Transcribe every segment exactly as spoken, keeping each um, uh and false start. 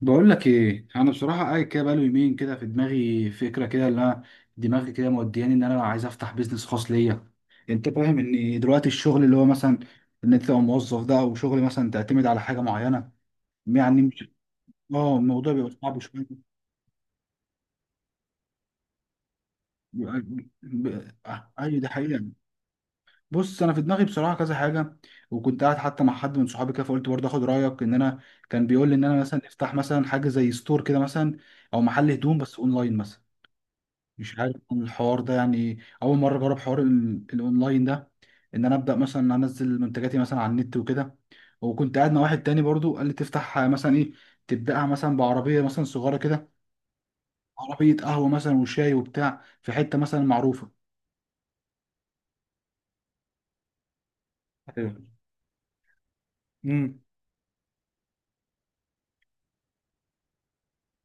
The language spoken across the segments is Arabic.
بقول لك ايه، انا بصراحه قاعد كده بقاله يومين كده في دماغي فكره كده، اللي انا دماغي كده مودياني ان انا عايز افتح بيزنس خاص ليا. انت فاهم ان دلوقتي الشغل اللي هو مثلا ان انت تبقى موظف ده، او شغل مثلا تعتمد على حاجه معينه، يعني مش. اه، الموضوع بيبقى صعب شويه. بيبقى- ب- آه، ايوه ده حقيقه. بص انا في دماغي بصراحه كذا حاجه. وكنت قاعد حتى مع حد من صحابي كده، فقلت برضه اخد رايك ان انا كان بيقول لي ان انا مثلا افتح مثلا حاجه زي ستور كده مثلا، او محل هدوم بس اونلاين مثلا. مش عارف عن الحوار ده، يعني اول مره اجرب حوار ال- الاونلاين ده، ان انا ابدا مثلا انزل منتجاتي مثلا على النت وكده. وكنت قاعد مع واحد تاني برضو قال لي تفتح مثلا ايه، تبداها مثلا بعربيه مثلا صغيره كده، عربيه قهوه مثلا وشاي وبتاع في حته مثلا معروفه. ايوه. امم.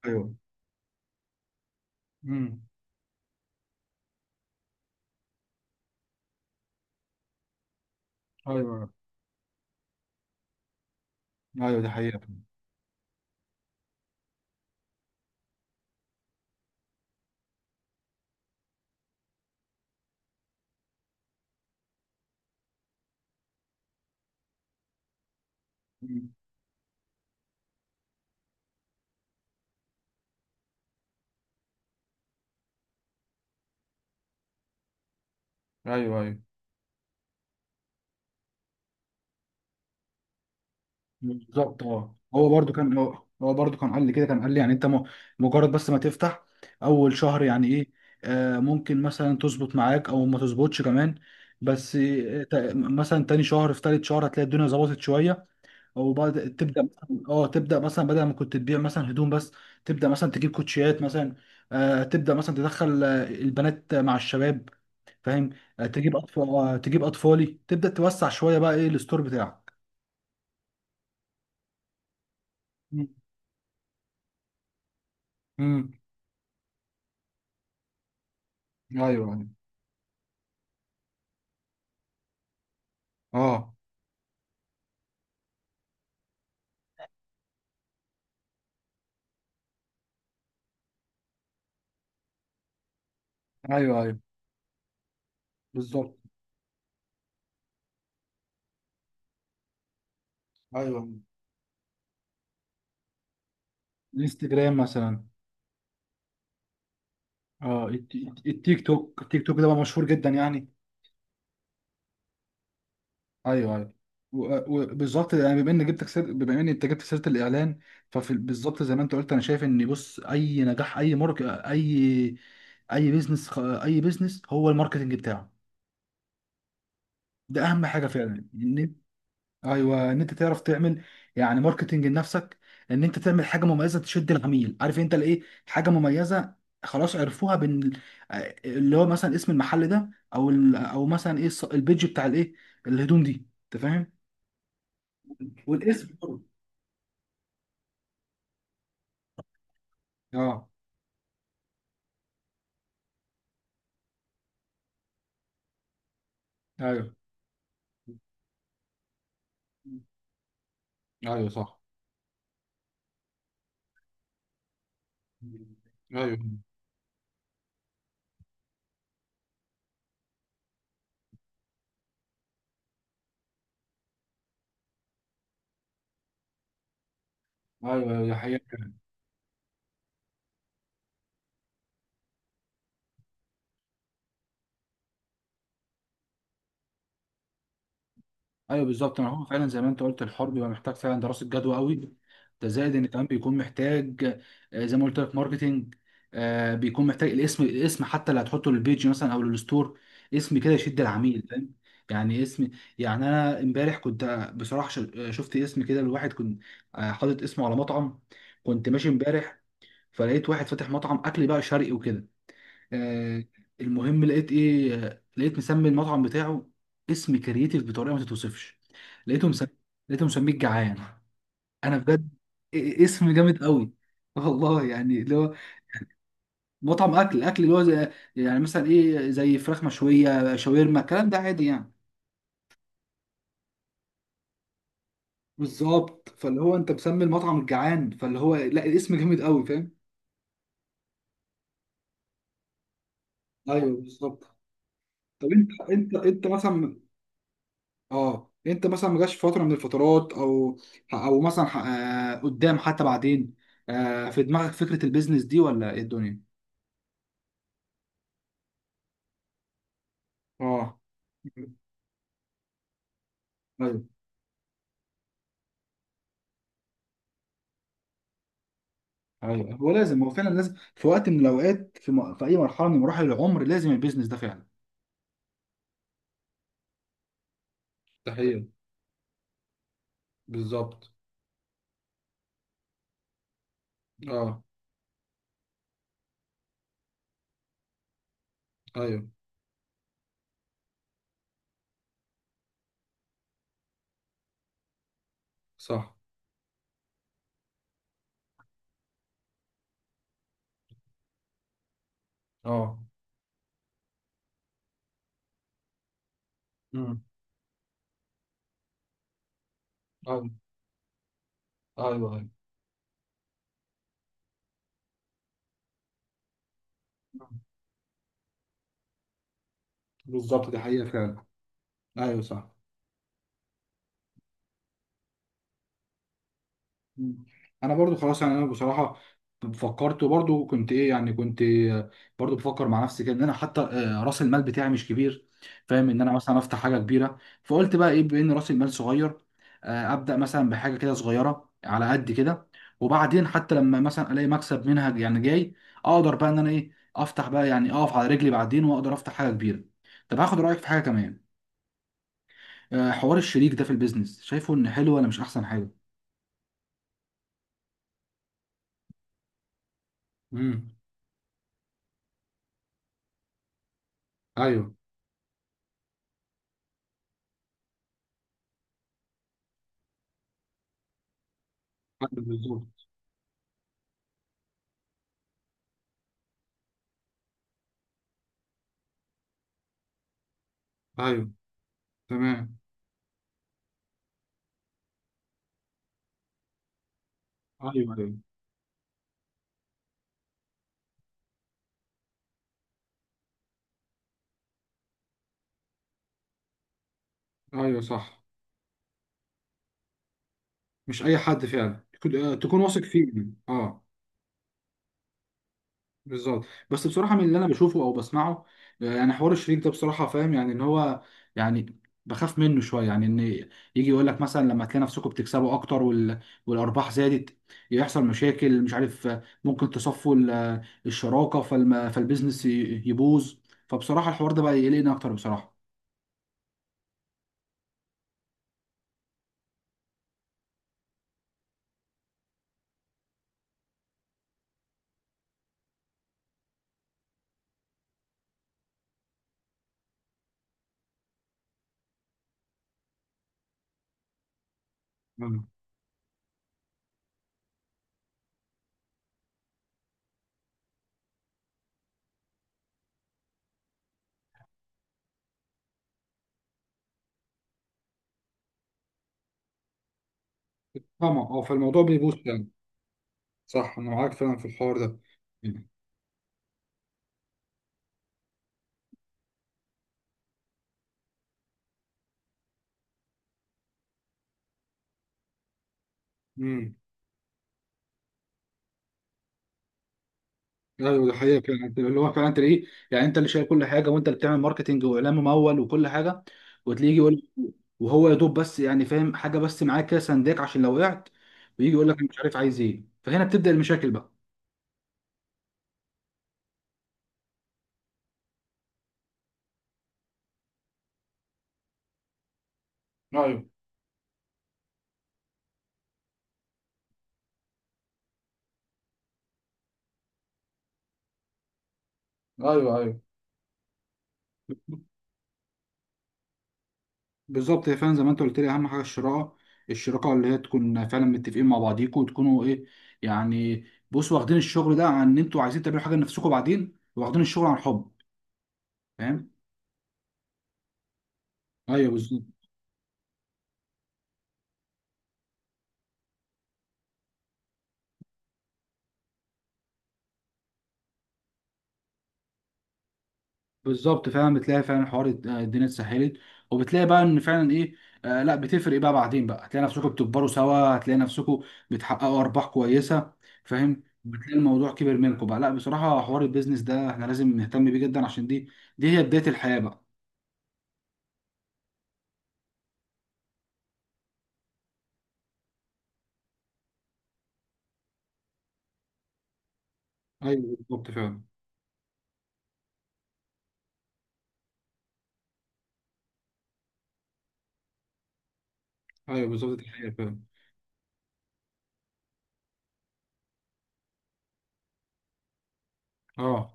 ايوه. امم. ايوه. ايوه دي حقيقه. مم. ايوه. ايوه بالظبط. اه، هو برضو كان هو هو برضو كان قال لي كده، كان قال لي يعني انت م- مجرد بس ما تفتح اول شهر، يعني ايه، آه ممكن مثلا تظبط معاك او ما تظبطش كمان. بس آه، تا- مثلا تاني شهر في تالت شهر هتلاقي الدنيا ظبطت شويه، او بعد تبدا مثلاً- اه تبدا مثلا بدل ما كنت تبيع مثلا هدوم بس، تبدا مثلا تجيب كوتشيات مثلا، آه تبدا مثلا تدخل آه، البنات مع الشباب، فاهم، آه تجيب اطفال، آه تجيب اطفالي، تبدا توسع شويه بقى ايه الستور بتاعك. مم. مم. ايوه. أيوة. اه. ايوه. ايوه بالظبط. ايوه. الانستجرام مثلا. اه الت- الت- التيك توك، التيك توك ده بقى مشهور جدا يعني. ايوه ايوه. و- وبالظبط يعني بما ان جبتك سير... بما ان انت جبت سيره الاعلان، فبالظبط زي ما انت قلت انا شايف ان بص، اي نجاح، اي مارك اي اي بيزنس اي بيزنس هو الماركتنج بتاعه. ده اهم حاجه فعلا. ايوه، ان انت تعرف تعمل يعني ماركتنج لنفسك، ان انت تعمل حاجه مميزه تشد العميل، عارف انت الايه، حاجه مميزه، خلاص عرفوها بين. آه، اللي هو مثلا اسم المحل ده، او ال... او مثلا ايه الص- البيج بتاع الايه، الهدوم دي، انت فاهم. والاسم برضه. اه. ايوه. ايوه صح. ايوه ايوه دي حقيقة. ايوه بالظبط، ما هو فعلا زي ما انت قلت الحوار بيبقى محتاج فعلا دراسه جدوى قوي. ده زائد ان كمان بيكون محتاج آه، زي ما قلت لك ماركتينج، آه، بيكون محتاج الاسم، الاسم حتى اللي هتحطه للبيج مثلا او للستور، اسم كده يشد العميل، فاهم، يعني اسم. يعني انا امبارح كنت آه، بصراحه ش- آه، شفت اسم كده لواحد، كنت آه، حاطط اسمه على مطعم. كنت ماشي امبارح فلقيت واحد فاتح مطعم اكل بقى شرقي وكده، آه. المهم لقيت ايه، آه، لقيت مسمي المطعم بتاعه اسم كرييتيف بطريقه ما تتوصفش. لقيته مسمي، لقيته مسميه الجعان. انا بجد إيه- إيه اسم جامد قوي. والله يعني اللي هو مطعم اكل، اكل اللي هو زي يعني مثلا ايه زي فراخ مشويه شاورما الكلام ده عادي يعني. بالظبط، فاللي هو انت مسمي المطعم الجعان، فاللي هو لا الاسم جامد قوي، فاهم. ايوه بالظبط. طب انت انت انت مثلا، اه انت مثلا ما جاش في فتره من الفترات، او او مثلا ح- آه، قدام حتى بعدين آه، في دماغك فكره البيزنس دي ولا ايه الدنيا. اه. ايوه ايوه. هو لازم، هو فعلا لازم في وقت من الاوقات في, م... في اي مرحله من مراحل العمر لازم البيزنس ده فعلا. ده حقيقي. بالظبط. اه. ايوه صح. اه. امم. ايوه ايوه. ايوه بالظبط دي حقيقه فعلا. ايوه صح. مم. انا برضو خلاص يعني، انا بصراحه فكرت، وبرضو كنت ايه يعني، كنت آه، برضو بفكر مع نفسي كده ان انا حتى آه، راس المال بتاعي مش كبير، فاهم، ان انا مثلا افتح حاجه كبيره. فقلت بقى ايه، بان راس المال صغير آه، ابدا مثلا بحاجه كده صغيره على قد كده، وبعدين حتى لما مثلا الاقي مكسب منها يعني جاي، اقدر بقى ان انا ايه افتح بقى، يعني اقف على رجلي بعدين واقدر افتح حاجه كبيره. طب هاخد رايك في حاجه كمان، آه، حوار الشريك ده في البيزنس شايفه ان حلو ولا مش احسن حاجه. امم. ايوه بالظبط. ايوه. تمام. ايوه ايوه. ايوه صح. مش اي حد، فعلا تكون آه، تكون واثق فيه يعني. اه. بالظبط. بس بصراحه من اللي انا بشوفه او بسمعه آه، يعني حوار الشريك ده بصراحه فاهم يعني، ان هو يعني بخاف منه شويه، يعني ان يجي يقول لك مثلا لما تلاقي نفسكم بتكسبوا اكتر وال... والارباح زادت، يحصل مشاكل مش عارف آه، ممكن تصفوا ال- آه، الشراكه، فالم... فالبيزنس ي- يبوظ. فبصراحه الحوار ده بقى يقلقني اكتر بصراحه. مم. طبعا اه، فالموضوع بيبوظ. صح انا معاك فعلا في الحوار ده. امم. ايوه ده حقيقه فعلا، أنت- اللي هو فعلا انت ايه، يعني انت اللي شايل كل حاجه، وانت اللي بتعمل ماركتنج واعلان ممول وكل حاجه، وتلاقيه يقول، وهو يا دوب بس يعني فاهم حاجه، بس معاه كده سنداك عشان لو وقعت، ويجي يقول لك أنا مش عارف عايز ايه، فهنا بتبدا المشاكل بقى. ايوه ايوه. ايوه بالظبط، هي فعلا زي ما انت قلت لي اهم حاجه الشراكه، الشراكه اللي هي تكون فعلا متفقين مع بعضيكوا، وتكونوا ايه يعني، بصوا واخدين الشغل ده عن ان انتوا عايزين تعملوا حاجه لنفسكم بعدين، واخدين الشغل عن حب، فاهم. ايوه بالظ- بالظبط، فعلا بتلاقي فعلا حوار الد- الدنيا اتسهلت، وبتلاقي بقى ان فعلا ايه، آه لا بتفرق بقى بعدين بقى، هتلاقي نفسكم بتكبروا سوا، هتلاقي نفسكم بتحققوا ارباح كويسه، فاهم، بتلاقي الموضوع كبر منكم بقى، لا بصراحه حوار البيزنس ده احنا لازم نهتم بيه جدا عشان دي دي هي بدايه الحياه بقى. ايوه بالظبط فعلا. ايوه بالظبط دي الحياه فعلا. اه.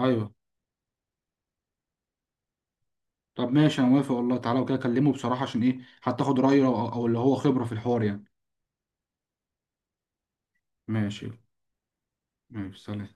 ايوه. طب ماشي انا موافق والله تعالى وكده اكلمه بصراحه عشان ايه، حتى اخد رايه او أو اللي هو خبره في الحوار يعني. ماشي. ماشي سلام.